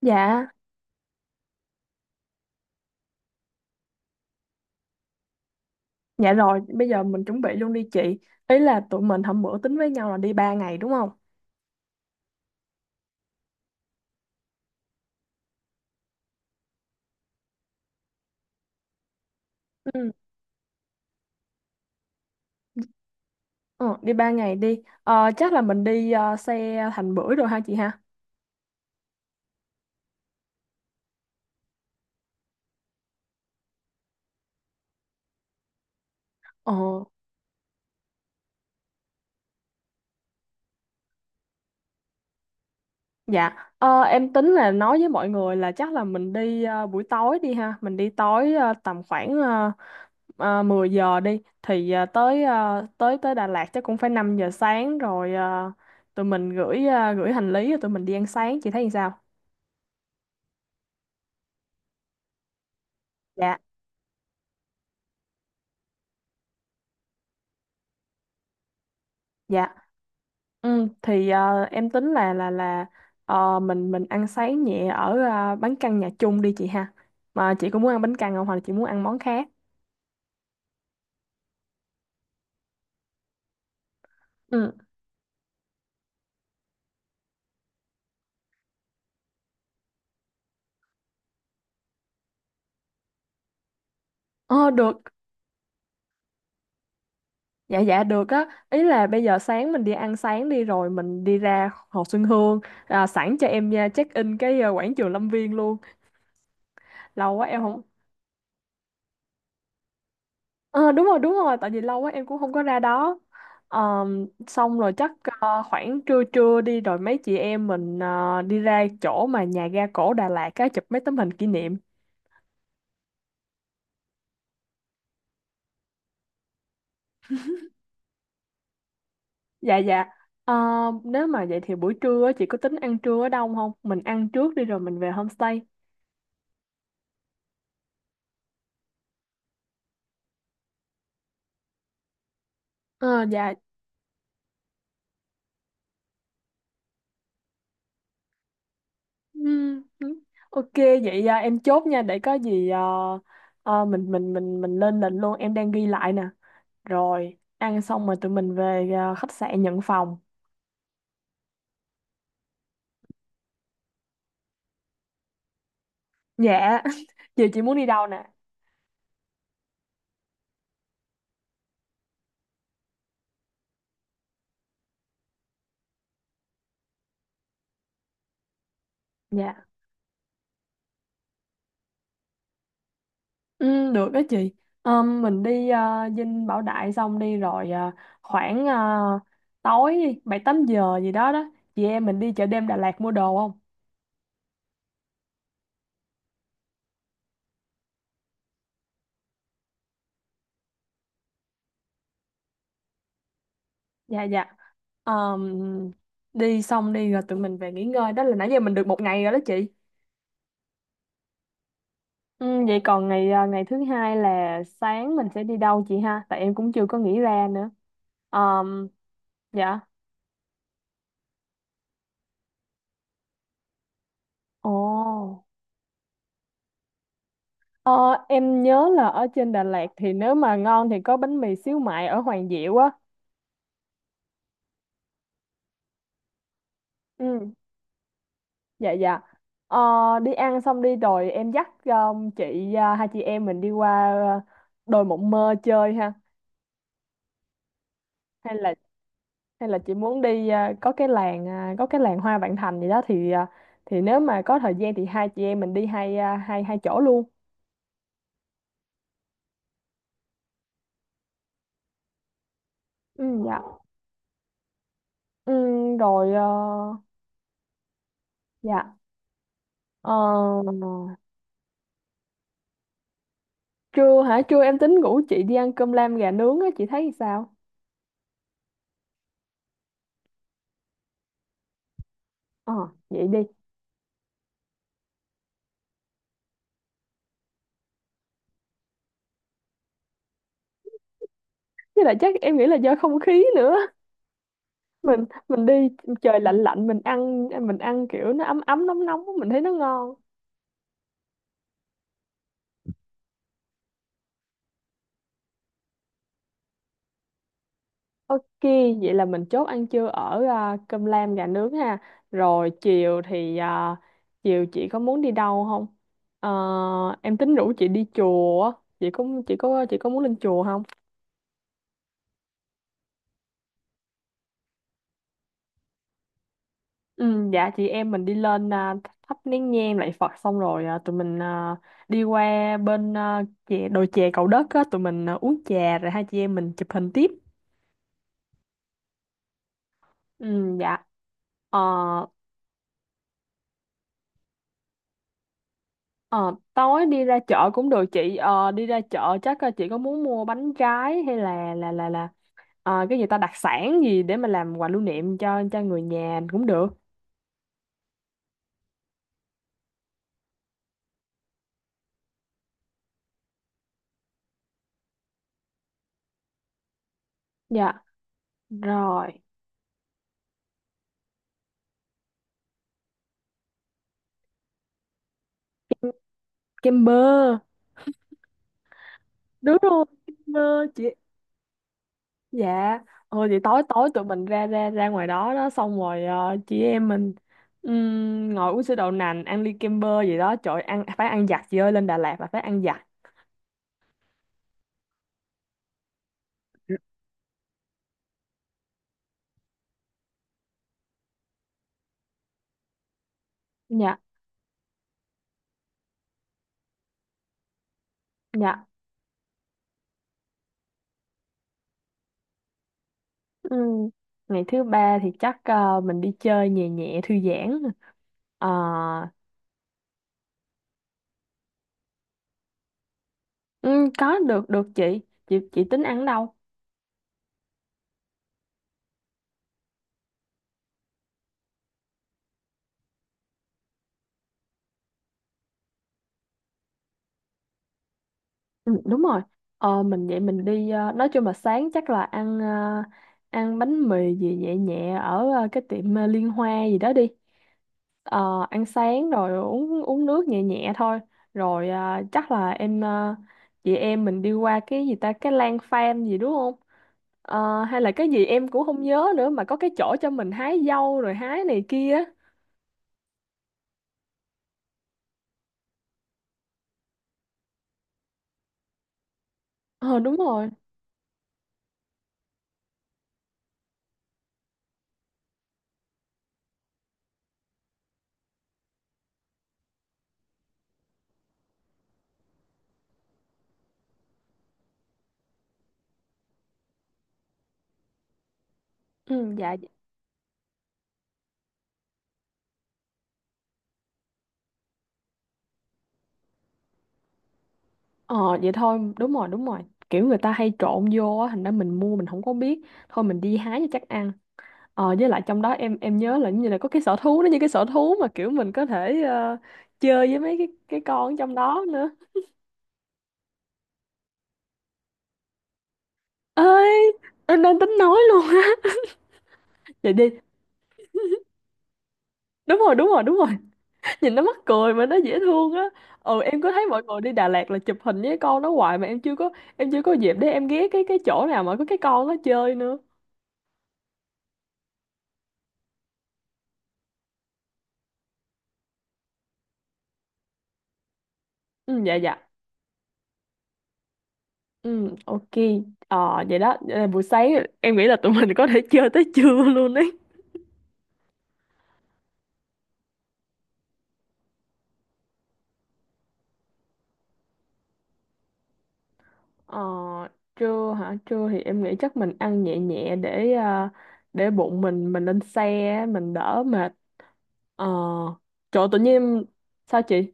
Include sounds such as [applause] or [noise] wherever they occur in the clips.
Dạ, dạ rồi, bây giờ mình chuẩn bị luôn đi chị. Ý là tụi mình hôm bữa tính với nhau là đi 3 ngày đúng không? Ừ. Ờ, đi 3 ngày đi. Ờ, chắc là mình đi xe Thành Bưởi rồi ha chị ha? Ờ, dạ. Ờ, em tính là nói với mọi người là chắc là mình đi buổi tối đi ha. Mình đi tối tầm khoảng 10 giờ đi. Thì ờ, tới tới Đà Lạt chắc cũng phải 5 giờ sáng rồi, tụi mình gửi hành lý rồi tụi mình đi ăn sáng. Chị thấy như sao? Dạ. Dạ. Ừ, thì em tính là mình ăn sáng nhẹ ở bánh căn nhà chung đi chị ha. Mà chị có muốn ăn bánh căn không hoặc là chị muốn ăn món khác? Ừ. Ờ, được. Dạ, dạ, được á. Ý là bây giờ sáng mình đi ăn sáng đi rồi mình đi ra Hồ Xuân Hương, à, sẵn cho em nha, check in cái quảng trường Lâm Viên luôn. Lâu quá em không. Ờ, đúng rồi, đúng rồi, tại vì lâu quá em cũng không có ra đó. Ờ, xong rồi chắc khoảng trưa trưa đi rồi mấy chị em mình đi ra chỗ mà nhà ga cổ Đà Lạt á, chụp mấy tấm hình kỷ niệm. Dạ, dạ. Ờ, nếu mà vậy thì buổi trưa á, chị có tính ăn trưa ở đâu không? Mình ăn trước đi rồi mình về homestay. Ờ, dạ. Ừm, ừm. Ok vậy à, em chốt nha, để có gì mình lên lịch luôn, em đang ghi lại nè. Rồi ăn xong rồi tụi mình về à, khách sạn nhận phòng. Dạ, [laughs] chị muốn đi đâu nè? Dạ, ừ, được đó chị. Mình đi Dinh Bảo Đại xong đi rồi khoảng tối 7-8 giờ gì đó đó. Chị em mình đi chợ đêm Đà Lạt mua đồ không? Dạ, dạ. Ờm, Đi xong đi rồi tụi mình về nghỉ ngơi. Đó là nãy giờ mình được một ngày rồi đó chị. Ừ, vậy còn ngày thứ hai là sáng mình sẽ đi đâu chị ha? Tại em cũng chưa có nghĩ ra nữa. Ờm, dạ. Ồ. Ờ, em nhớ là ở trên Đà Lạt thì nếu mà ngon thì có bánh mì xíu mại ở Hoàng Diệu á. Ừ, dạ, dạ. Ờ, đi ăn xong đi rồi em dắt chị à, hai chị em mình đi qua à, đồi Mộng Mơ chơi ha. Hay là hay là chị muốn đi à, có cái làng Hoa Vạn Thành gì đó thì thì nếu mà có thời gian thì hai chị em mình đi hai à, hai hai chỗ luôn. Ừ, dạ. Ừ, rồi dạ. Ờ, trưa hả? Trưa em tính ngủ chị, đi ăn cơm lam gà nướng á, chị thấy sao? Ờ, vậy đi. Với lại chắc em nghĩ là do không khí nữa. Mình đi trời lạnh lạnh, mình ăn kiểu nó ấm ấm nóng nóng mình thấy nó ngon. Ok, vậy là mình chốt ăn trưa ở cơm lam gà nướng ha. Rồi chiều thì chiều chị có muốn đi đâu không? Ờ, em tính rủ chị đi chùa. Chị có muốn lên chùa không? Ừ, dạ, chị em mình đi lên à, thắp nén nhang lạy Phật xong rồi à, tụi mình à, đi qua bên à, đồi chè Cầu Đất á, tụi mình à, uống trà rồi hai chị em mình chụp hình tiếp. Ừ, dạ. Ờ, ờ, tối đi ra chợ cũng được chị. Ờ, đi ra chợ chắc chị có muốn mua bánh trái hay là cái gì ta đặc sản gì để mà làm quà lưu niệm cho người nhà cũng được. Dạ. Rồi, kem bơ. Đúng rồi, kem bơ chị. Dạ, thôi thì tối tối tụi mình ra ra ra ngoài đó đó xong rồi chị em mình ngồi uống sữa đậu nành, ăn ly kem bơ gì đó, trời ơi, ăn phải ăn giặt chị ơi, lên Đà Lạt là phải ăn giặt. Dạ, dạ. Ừm, Ngày thứ ba thì chắc mình đi chơi nhẹ nhẹ thư giãn. Ờ, có được, được chị. Chị tính ăn ở đâu? Ừ, đúng rồi. Ờ, mình vậy mình đi nói chung là sáng chắc là ăn, ăn bánh mì gì nhẹ nhẹ ở cái tiệm Liên Hoa gì đó đi. Ờ, ăn sáng rồi uống uống nước nhẹ nhẹ thôi rồi chắc là em chị em mình đi qua cái gì ta cái lan farm gì đúng không? Ờ, hay là cái gì em cũng không nhớ nữa mà có cái chỗ cho mình hái dâu rồi hái này kia á. Ờ, đúng rồi. Ừ, dạ, dạ. Ờ vậy thôi, đúng rồi, đúng rồi. Kiểu người ta hay trộn vô á, thành ra mình mua mình không có biết. Thôi mình đi hái cho chắc ăn. Ờ với lại trong đó em nhớ là như là có cái sở thú, nó như cái sở thú mà kiểu mình có thể chơi với mấy cái con trong đó nữa. Ơi, em đang tính nói luôn á. Vậy đi. Đúng rồi, đúng rồi, đúng rồi. [laughs] Nhìn nó mắc cười mà nó dễ thương á. Ừ, em cứ thấy mọi người đi Đà Lạt là chụp hình với con nó hoài mà em chưa có. Em chưa có dịp để em ghé cái chỗ nào mà có cái con nó chơi nữa. Ừ, dạ, dạ. Ừ, ok. Ờ vậy đó, vậy là buổi sáng em nghĩ là tụi mình có thể chơi tới trưa luôn đấy. Ờ, trưa hả, trưa thì em nghĩ chắc mình ăn nhẹ nhẹ để để bụng mình lên xe mình đỡ mệt. Ờ, trời ơi, tự nhiên sao chị.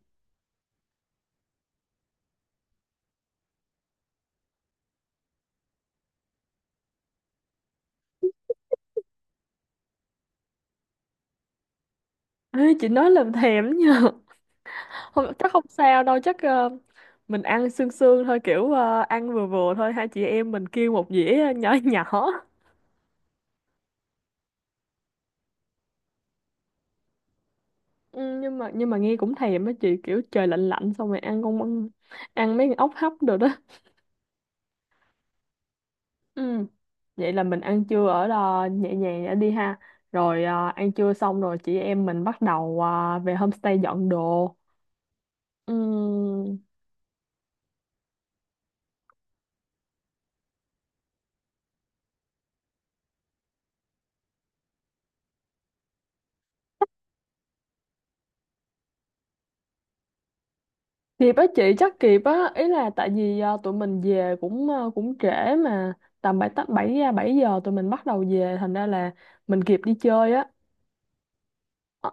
Ê, chị nói làm thèm nha. [laughs] Không, chắc không sao đâu chắc, mình ăn sương sương thôi kiểu, ăn vừa vừa thôi, hai chị em mình kêu một dĩa nhỏ [laughs] nhỏ. Ừ, nhưng mà nghe cũng thèm á chị, kiểu trời lạnh lạnh xong rồi ăn mấy con ốc hấp được đó [laughs] ừ. Vậy là mình ăn trưa ở đó nhẹ nhàng đã đi ha. Rồi ăn trưa xong rồi chị em mình bắt đầu về homestay dọn đồ. Ừ. Kịp á chị, chắc kịp á, ý là tại vì tụi mình về cũng cũng trễ mà tầm bảy tám bảy à, 7 giờ tụi mình bắt đầu về, thành ra là mình kịp đi chơi á. Ờ,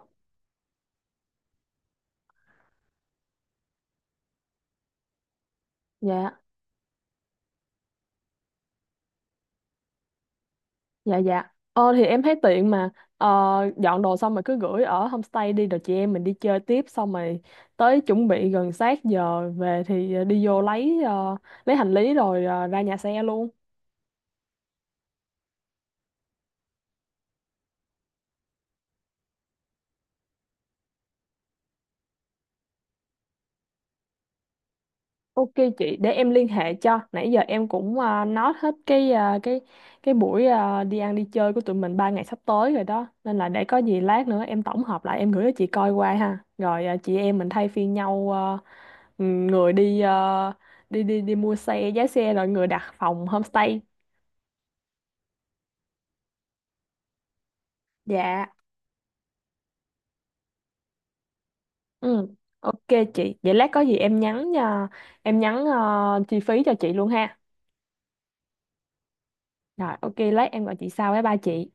dạ, dạ, dạ. Ờ thì em thấy tiện mà, ờ, dọn đồ xong rồi cứ gửi ở homestay đi rồi chị em mình đi chơi tiếp, xong rồi tới chuẩn bị gần sát giờ về thì đi vô lấy hành lý rồi ra nhà xe luôn. Ok chị, để em liên hệ cho. Nãy giờ em cũng nói hết cái cái buổi đi ăn đi chơi của tụi mình 3 ngày sắp tới rồi đó. Nên là để có gì lát nữa em tổng hợp lại, em gửi cho chị coi qua ha. Rồi chị em mình thay phiên nhau à, người đi à, đi đi đi mua xe, giá xe, rồi người đặt phòng homestay. Dạ. Ừ, ok chị. Vậy lát có gì em nhắn chi phí cho chị luôn ha. Rồi ok, lát em gọi chị sau với ba chị.